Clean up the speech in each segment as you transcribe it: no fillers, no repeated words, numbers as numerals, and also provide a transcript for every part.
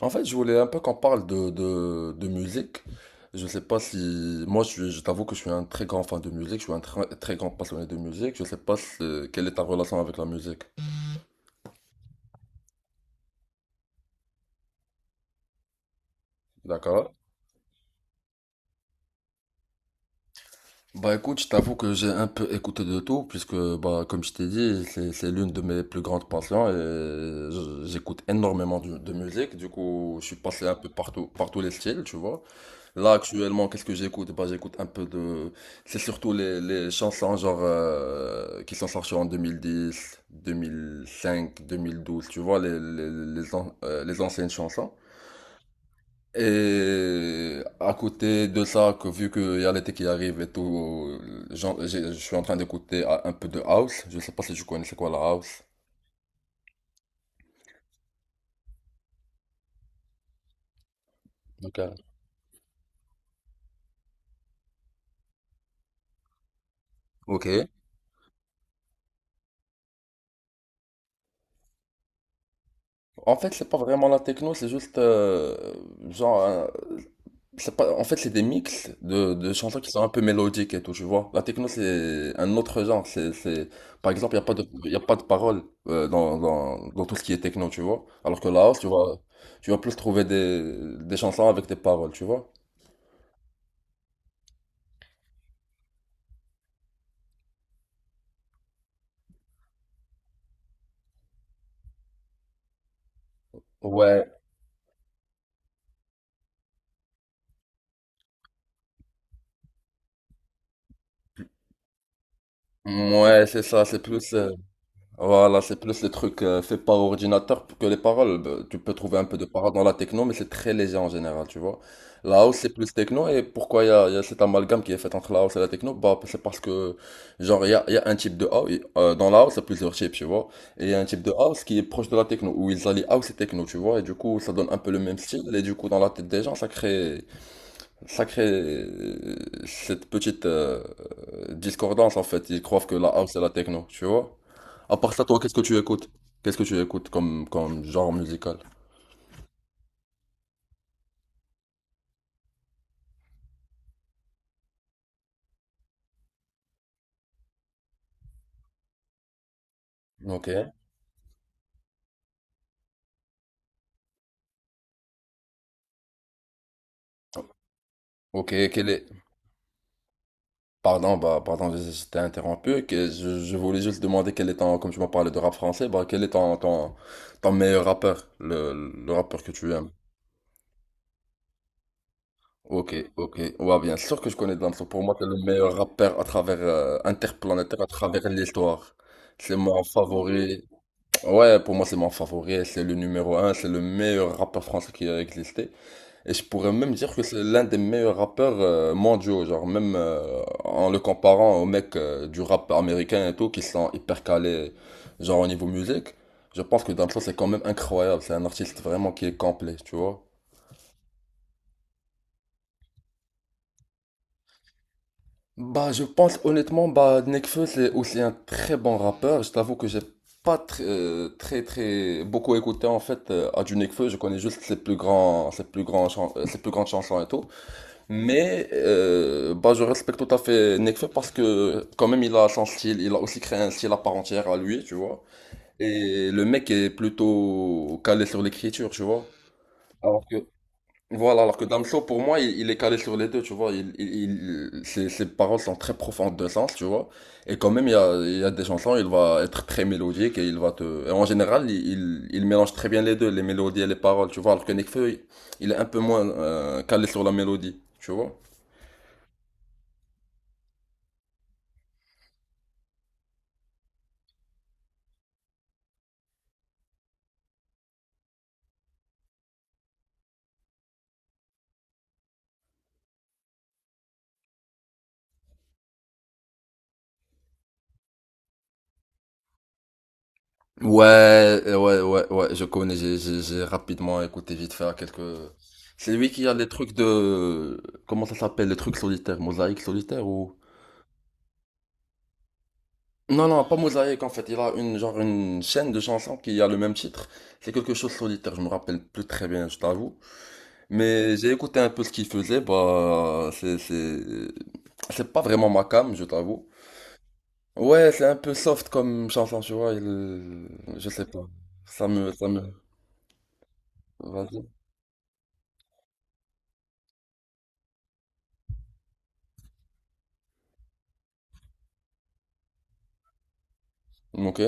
En fait, je voulais un peu qu'on parle de musique. Je sais pas si. Moi, je t'avoue que je suis un très grand fan de musique, je suis un très grand passionné de musique. Je sais pas si- Quelle est ta relation avec la musique? D'accord? Bah écoute, je t'avoue que j'ai un peu écouté de tout, puisque, bah, comme je t'ai dit, c'est l'une de mes plus grandes passions et j'écoute énormément de musique. Du coup, je suis passé un peu partout, par tous les styles, tu vois. Là, actuellement, qu'est-ce que j'écoute? Bah, j'écoute un peu de. C'est surtout les chansons genre qui sont sorties en deux mille dix 2005 2012 tu vois, les anciennes chansons. Et à côté de ça, que vu qu'il y a l'été qui arrive et tout, je suis en train d'écouter un peu de house. Je sais pas si tu connais c'est quoi la house. Ok. Ok. En fait, c'est pas vraiment la techno, c'est juste genre. C'est pas, en fait, c'est des mix de chansons qui sont un peu mélodiques et tout, tu vois. La techno, c'est un autre genre. Par exemple, il n'y a pas de, y a pas de paroles dans tout ce qui est techno, tu vois. Alors que la house, tu vas plus trouver des chansons avec des paroles, tu vois. Ouais, ouais, c'est ça, Voilà, c'est plus les trucs faits par ordinateur que les paroles. Bah, tu peux trouver un peu de paroles dans la techno, mais c'est très léger en général, tu vois. La house, c'est plus techno, et pourquoi il y a cet amalgame qui est fait entre la house et la techno? Bah, c'est parce que, genre, il y a un type de house, dans la house, il y a plusieurs types, tu vois. Et il y a un type de house qui est proche de la techno, où ils allient house et techno, tu vois, et du coup, ça donne un peu le même style, et du coup, dans la tête des gens, ça sacré, cette petite discordance en fait, ils croient que la house c'est la techno, tu vois. À part ça, toi, qu'est-ce que tu écoutes? Qu'est-ce que tu écoutes comme genre musical? Ok. Ok, quel est... Pardon, bah, pardon, je t'ai interrompu. Je voulais juste demander quel est ton, comme tu m'as parlé de rap français, bah, quel est ton meilleur rappeur, le rappeur que tu aimes? Ok, ok. Ouais, bien sûr que je connais Damso. Pour moi, c'est le meilleur rappeur à travers, interplanétaire à travers l'histoire. C'est mon favori. Ouais, pour moi, c'est mon favori, c'est le numéro un, c'est le meilleur rappeur français qui a existé. Et je pourrais même dire que c'est l'un des meilleurs rappeurs mondiaux, genre même en le comparant aux mecs du rap américain et tout, qui sont hyper calés, genre au niveau musique. Je pense que Damso, c'est quand même incroyable, c'est un artiste vraiment qui est complet, tu vois. Bah, je pense honnêtement, bah, Nekfeu, c'est aussi un très bon rappeur. Je t'avoue que j'ai pas beaucoup écouté en fait à du Nekfeu. Je connais juste ses plus grandes chansons et tout. Mais bah, je respecte tout à fait Nekfeu parce que quand même, il a son style. Il a aussi créé un style à part entière à lui, tu vois. Et le mec est plutôt calé sur l'écriture, tu vois. Voilà, alors que Damso, pour moi, il est calé sur les deux, tu vois. Ses paroles sont très profondes de sens, tu vois. Et quand même, il y a des chansons, il va être très mélodique et Et en général, il mélange très bien les deux, les mélodies et les paroles, tu vois. Alors que Nekfeu, il est un peu moins calé sur la mélodie, tu vois. Ouais, ouais, ouais, ouais, je connais, j'ai rapidement écouté vite fait à quelques... C'est lui qui a les trucs Comment ça s'appelle? Les trucs solitaires, mosaïque solitaire Non, non, pas Mosaïque en fait. Il a une chaîne de chansons qui a le même titre. C'est quelque chose de solitaire, je me rappelle plus très bien, je t'avoue. Mais j'ai écouté un peu ce qu'il faisait, bah, c'est pas vraiment ma came, je t'avoue. Ouais, c'est un peu soft comme chanson, tu vois, je sais pas. Ça me, ça me, Vas-y. Ok.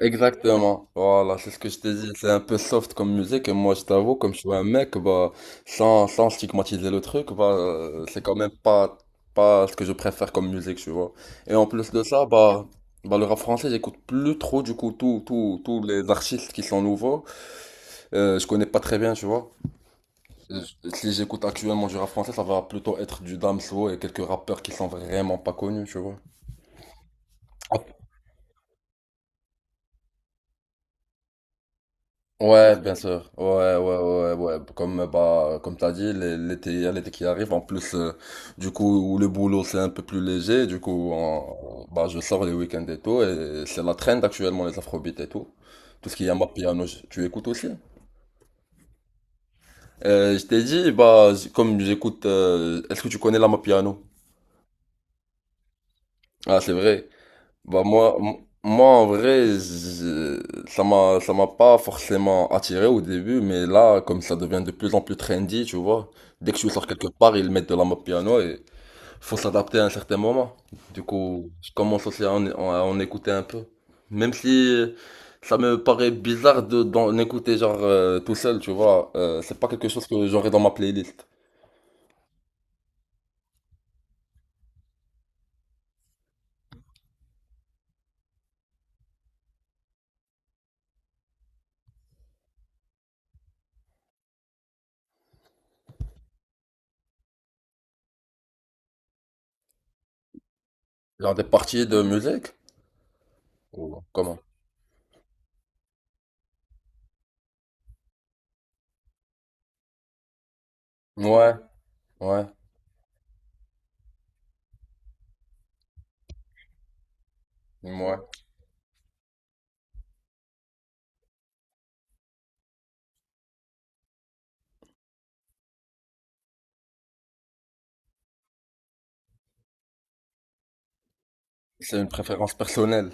Exactement, voilà, c'est ce que je t'ai dit, c'est un peu soft comme musique, et moi je t'avoue, comme je suis un mec, bah, sans stigmatiser le truc, bah, c'est quand même pas ce que je préfère comme musique, tu vois. Et en plus de ça, bah le rap français, j'écoute plus trop, du coup, tous les artistes qui sont nouveaux, je connais pas très bien, tu vois. Euh, Si j'écoute actuellement du rap français, ça va plutôt être du Damso et quelques rappeurs qui sont vraiment pas connus, tu vois. Ouais, bien sûr. Ouais, ouais, ouais, ouais. Comme bah, comme t'as dit, l'été, il y a l'été qui arrive. En plus, du coup, où le boulot c'est un peu plus léger. Du coup, bah, je sors les week-ends et tout. Et c'est la trend actuellement les afrobeats et tout. Tout ce qui est Amar Piano, tu écoutes aussi. Je t'ai dit, bah, comme j'écoute. Est-ce que tu connais l'Amar Piano? Ah, c'est vrai. Bah moi, moi en vrai, ça m'a pas forcément attiré au début, mais là, comme ça devient de plus en plus trendy, tu vois, dès que je sors quelque part, ils mettent de la mode piano et faut s'adapter à un certain moment. Du coup, je commence aussi à en écouter un peu. Même si ça me paraît bizarre d'en écouter genre tout seul, tu vois, c'est pas quelque chose que j'aurais dans ma playlist. Genre des parties de musique? Ou comment? Ouais, ouais, ouais. C'est une préférence personnelle.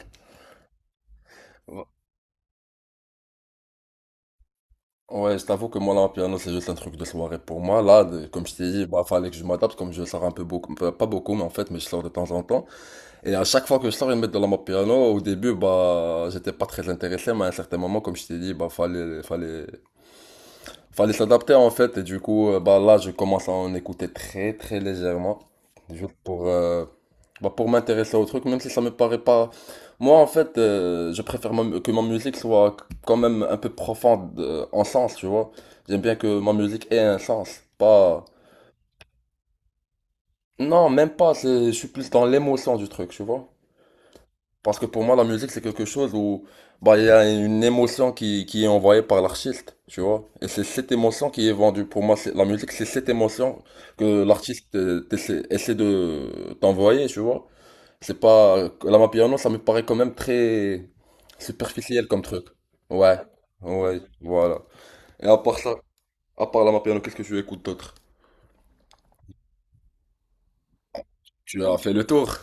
Ouais, je t'avoue que moi, là, un piano, c'est juste un truc de soirée pour moi. Là, comme je t'ai dit, bah, fallait que je m'adapte, comme je sors un peu beaucoup, pas beaucoup, mais en fait, mais je sors de temps en temps. Et à chaque fois que je sors, ils mettent de la mode piano. Au début, bah, j'étais pas très intéressé, mais à un certain moment, comme je t'ai dit, bah, fallait s'adapter en fait, et du coup, bah là, je commence à en écouter très très légèrement, juste pour, bah, pour m'intéresser au truc, même si ça me paraît pas. Moi, en fait, je préfère que ma musique soit quand même un peu profonde en sens, tu vois. J'aime bien que ma musique ait un sens, pas. Non, même pas, je suis plus dans l'émotion du truc, tu vois. Parce que pour moi, la musique, c'est quelque chose où bah, il y a une émotion qui est envoyée par l'artiste, tu vois. Et c'est cette émotion qui est vendue. Pour moi, la musique, c'est cette émotion que l'artiste essaie de t'envoyer, tu vois. C'est pas. La Mapiano, ça me paraît quand même très superficiel comme truc. Ouais, ouais, voilà. Et à part la Mapiano, qu'est-ce que tu écoutes d'autre? Tu as fait le tour.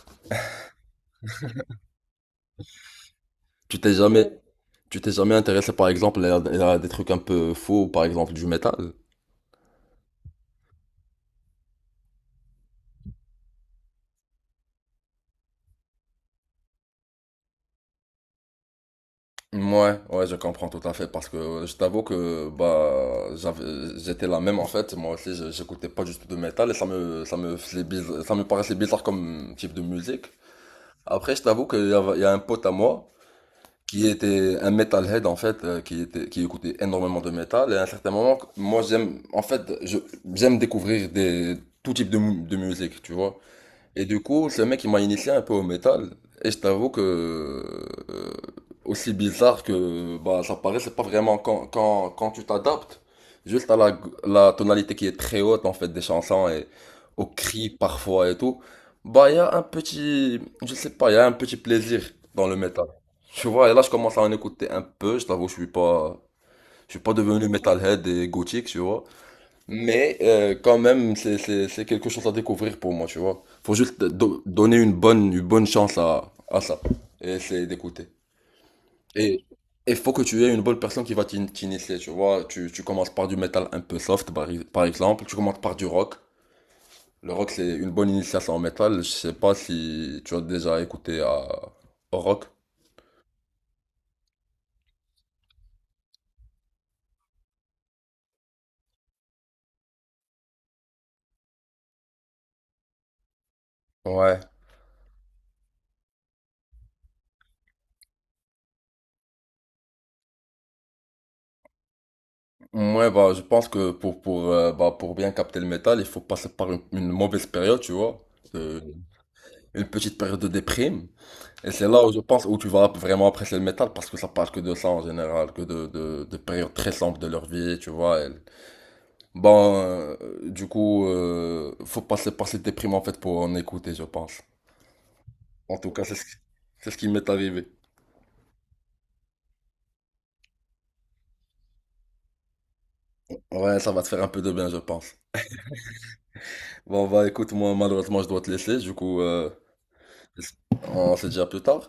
Tu t'es jamais... Tu t'es jamais intéressé, par exemple, à des trucs un peu faux, par exemple, du métal? Ouais, ouais, je comprends tout à fait parce que je t'avoue que bah j'étais la même en fait, moi aussi j'écoutais pas du tout de métal et ça me paraissait bizarre comme type de musique. Après je t'avoue qu'il y a un pote à moi qui était un metalhead en fait qui écoutait énormément de métal et à un certain moment moi j'aime en fait je j'aime découvrir des tout type de de musique, tu vois. Et du coup, ce mec, il m'a initié un peu au métal. Et je t'avoue que, aussi bizarre que bah, ça paraît, c'est pas vraiment quand tu t'adaptes juste à la tonalité qui est très haute en fait des chansons et aux cris parfois et tout. Bah, il y a un petit, je sais pas, il y a un petit plaisir dans le métal. Tu vois, et là, je commence à en écouter un peu. Je t'avoue, je suis pas devenu metalhead et gothique, tu vois. Mais quand même, c'est quelque chose à découvrir pour moi, tu vois. Faut juste donner une bonne chance à ça. Et c'est d'écouter. Et il faut que tu aies une bonne personne qui va t'initier, tu vois. Tu commences par du métal un peu soft, par, par exemple. Tu commences par du rock. Le rock, c'est une bonne initiation en métal. Je sais pas si tu as déjà écouté au rock. Ouais. Ouais, bah, je pense que bah, pour bien capter le métal, il faut passer par une mauvaise période, tu vois. Euh, une petite période de déprime. Et c'est là où je pense où tu vas vraiment apprécier le métal parce que ça parle que de ça en général, que de périodes très sombres de leur vie, tu vois. Bon, du coup, faut passer par cette déprime en fait pour en écouter, je pense. En tout cas, c'est ce qui m'est arrivé. Ouais, ça va te faire un peu de bien, je pense. Bon, bah écoute, moi malheureusement, je dois te laisser, du coup, on se dit à plus tard.